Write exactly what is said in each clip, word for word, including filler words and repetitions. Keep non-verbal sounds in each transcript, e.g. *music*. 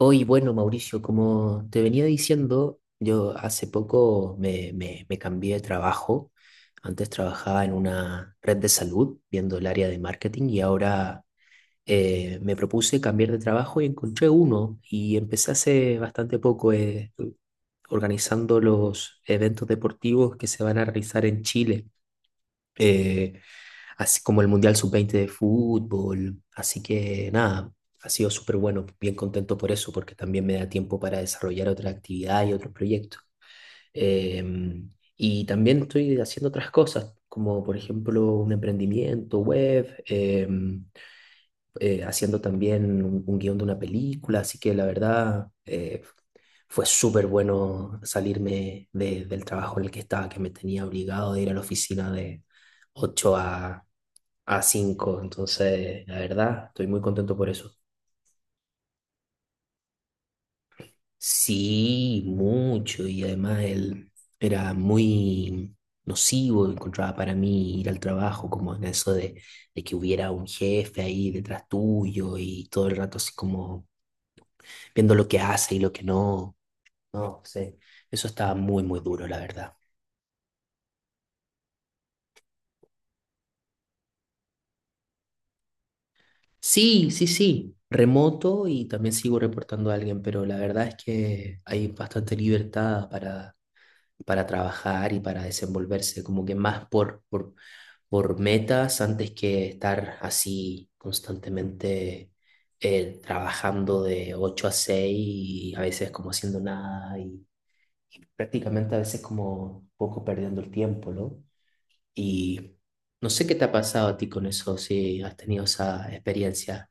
Hoy, bueno, Mauricio, como te venía diciendo, yo hace poco me, me- me cambié de trabajo. Antes trabajaba en una red de salud, viendo el área de marketing, y ahora eh, me propuse cambiar de trabajo y encontré uno. Y empecé hace bastante poco eh, organizando los eventos deportivos que se van a realizar en Chile. Eh, Así como el Mundial sub veinte de fútbol. Así que nada, ha sido súper bueno, bien contento por eso, porque también me da tiempo para desarrollar otra actividad y otros proyectos. Em, y también estoy haciendo otras cosas, como por ejemplo un emprendimiento web. Em, eh, haciendo también un, un guión de una película, así que la verdad eh, fue súper bueno salirme de- del trabajo en el que estaba, que me tenía obligado de ir a la oficina de ocho a, a cinco. Entonces la verdad estoy muy contento por eso. Sí, mucho, y además él era muy nocivo, encontraba para mí ir al trabajo, como en eso de, de que hubiera un jefe ahí detrás tuyo y todo el rato así como viendo lo que hace y lo que no. No sé, eso estaba muy, muy duro, la verdad. Sí, sí, sí, remoto y también sigo reportando a alguien, pero la verdad es que hay bastante libertad para, para trabajar y para desenvolverse, como que más por, por, por metas antes que estar así constantemente eh, trabajando de ocho a seis y a veces como haciendo nada y, y prácticamente a veces como un poco perdiendo el tiempo, ¿no? Y no sé qué te ha pasado a ti con eso, si has tenido esa experiencia.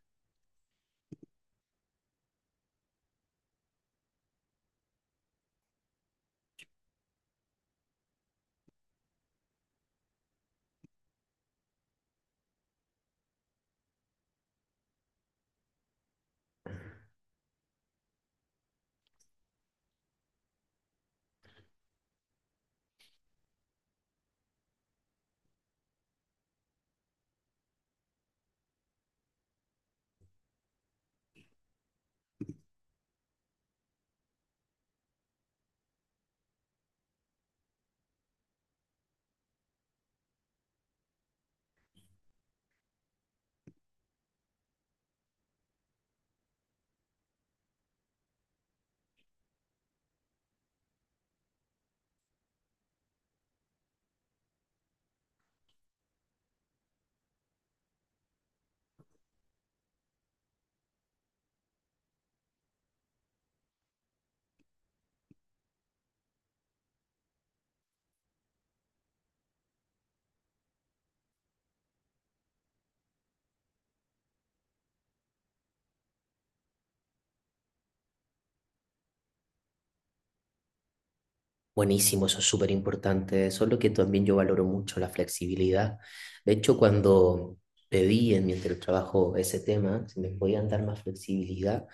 Buenísimo, eso es súper importante. Eso es lo que también yo valoro mucho, la flexibilidad. De hecho, cuando pedí en mi trabajo ese tema, si me podían dar más flexibilidad,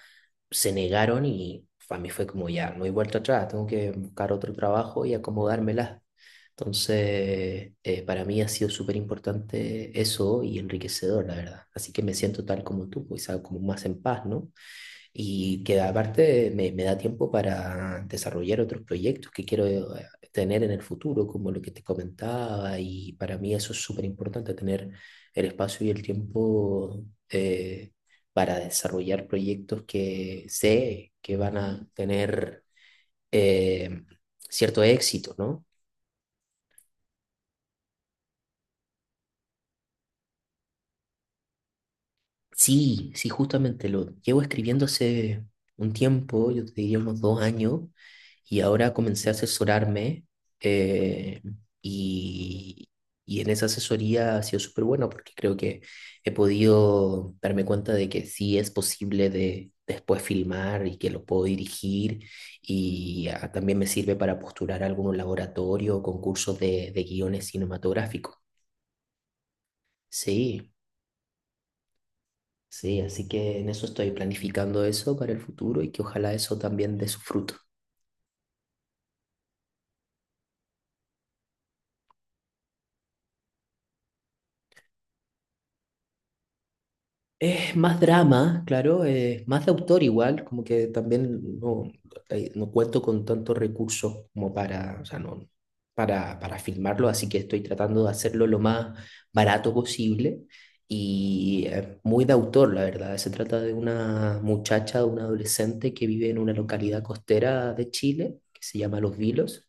se negaron y para mí fue como ya, no hay vuelta atrás, tengo que buscar otro trabajo y acomodármela. Entonces, eh, para mí ha sido súper importante eso y enriquecedor, la verdad. Así que me siento tal como tú, quizá como más en paz, ¿no? Y que aparte me, me da tiempo para desarrollar otros proyectos que quiero eh, tener en el futuro, como lo que te comentaba, y para mí eso es súper importante, tener el espacio y el tiempo eh, para desarrollar proyectos que sé que van a tener eh, cierto éxito, ¿no? Sí, sí, justamente lo llevo escribiendo hace un tiempo, yo te diría unos dos años, y ahora comencé a asesorarme eh, y, y en esa asesoría ha sido súper bueno porque creo que he podido darme cuenta de que sí es posible de después filmar y que lo puedo dirigir y ah, también me sirve para postular a algunos laboratorios o concursos de, de guiones cinematográficos. Sí. Sí, así que en eso estoy planificando eso para el futuro y que ojalá eso también dé su fruto. Es más drama, claro, es más de autor igual, como que también no, eh, no cuento con tantos recursos como para, o sea, no, para, para filmarlo, así que estoy tratando de hacerlo lo más barato posible y eh, muy de autor, la verdad. Se trata de una muchacha, de una adolescente que vive en una localidad costera de Chile, que se llama Los Vilos,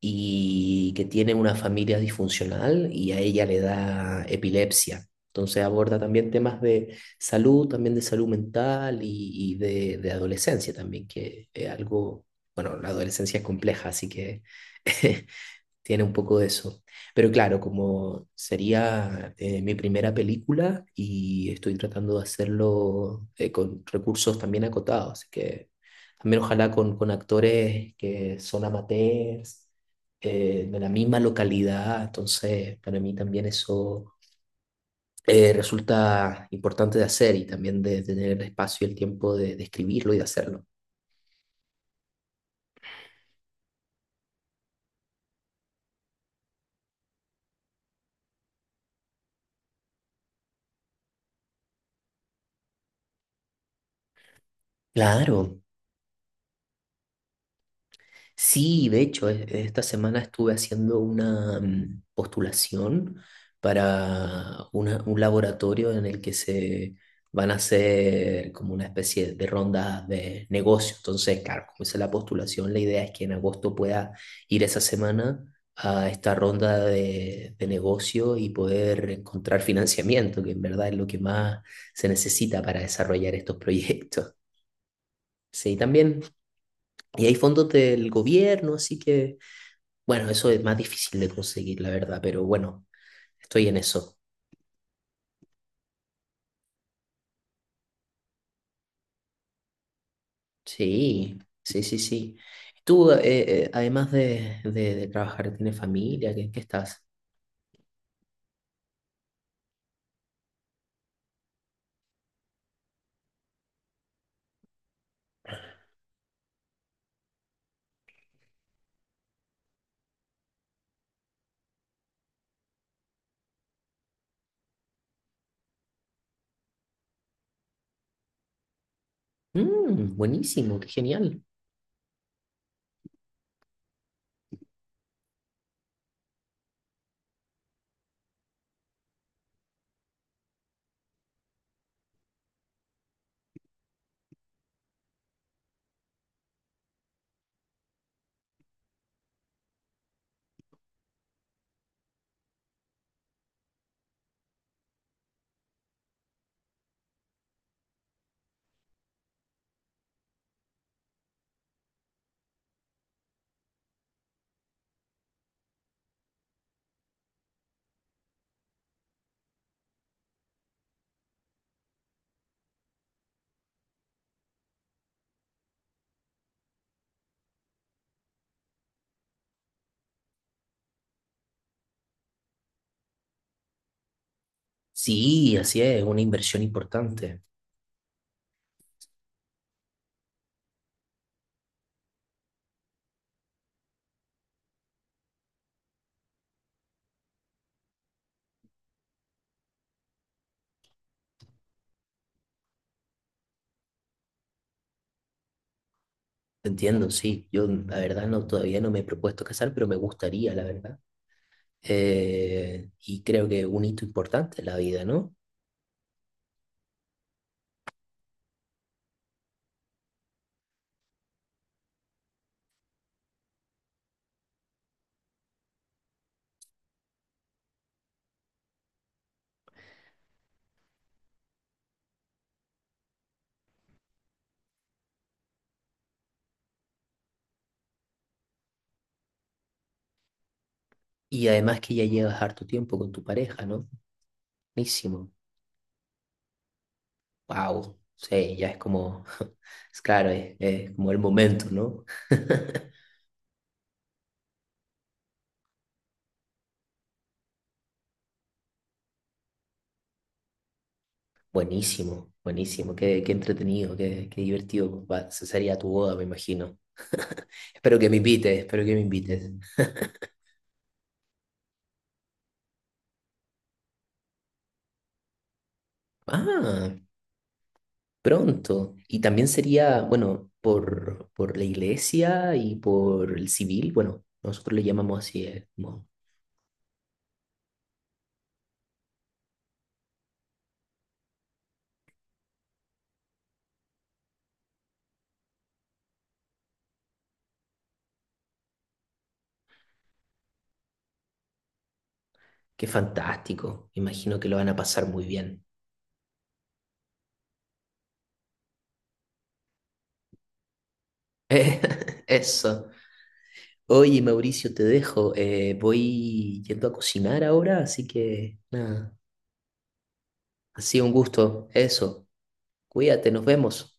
y que tiene una familia disfuncional y a ella le da epilepsia. Entonces aborda también temas de salud, también de salud mental y, y de, de adolescencia también, que es algo, bueno, la adolescencia es compleja, así que *laughs* tiene un poco de eso. Pero claro, como sería eh, mi primera película y estoy tratando de hacerlo eh, con recursos también acotados, así que también ojalá con, con actores que son amateurs. Eh, de la misma localidad, entonces para mí también eso eh, resulta importante de hacer y también de, tener el espacio y el tiempo de, de escribirlo y de hacerlo. Claro. Sí, de hecho, e- esta semana estuve haciendo una mm, postulación para una- un laboratorio en el que se van a hacer como una especie de ronda de negocio. Entonces, claro, como hice la postulación, la idea es que en agosto pueda ir esa semana a esta ronda de, de negocio y poder encontrar financiamiento, que en verdad es lo que más se necesita para desarrollar estos proyectos. Sí, también. Y hay fondos del gobierno, así que… Bueno, eso es más difícil de conseguir, la verdad, pero bueno, estoy en eso. Sí, sí, sí, sí. Tú, eh, eh, además de, de- de trabajar, ¿tienes familia? ¿Qué, qué estás? Mm, buenísimo, qué genial. Sí, así es, una inversión importante. Te entiendo, sí. Yo, la verdad, no, todavía no me he propuesto casar, pero me gustaría, la verdad. Eh, y creo que un hito importante en la vida, ¿no? Y además que ya llevas harto tiempo con tu pareja, ¿no? Buenísimo. Wow, sí, ya es como, *laughs* es claro, es, es como el momento, ¿no? *laughs* Buenísimo, buenísimo, qué, qué entretenido, qué, qué divertido. Va, se sería tu boda, me imagino. *laughs* Espero que me invites, espero que me invites. Ah, pronto. Y también sería, bueno, por, por la iglesia y por el civil, bueno, nosotros le llamamos así, eh, como, qué fantástico, imagino que lo van a pasar muy bien. *laughs* Eso. Oye, Mauricio, te dejo. Eh, voy yendo a cocinar ahora, así que nada, ha sido un gusto. Eso, cuídate, nos vemos.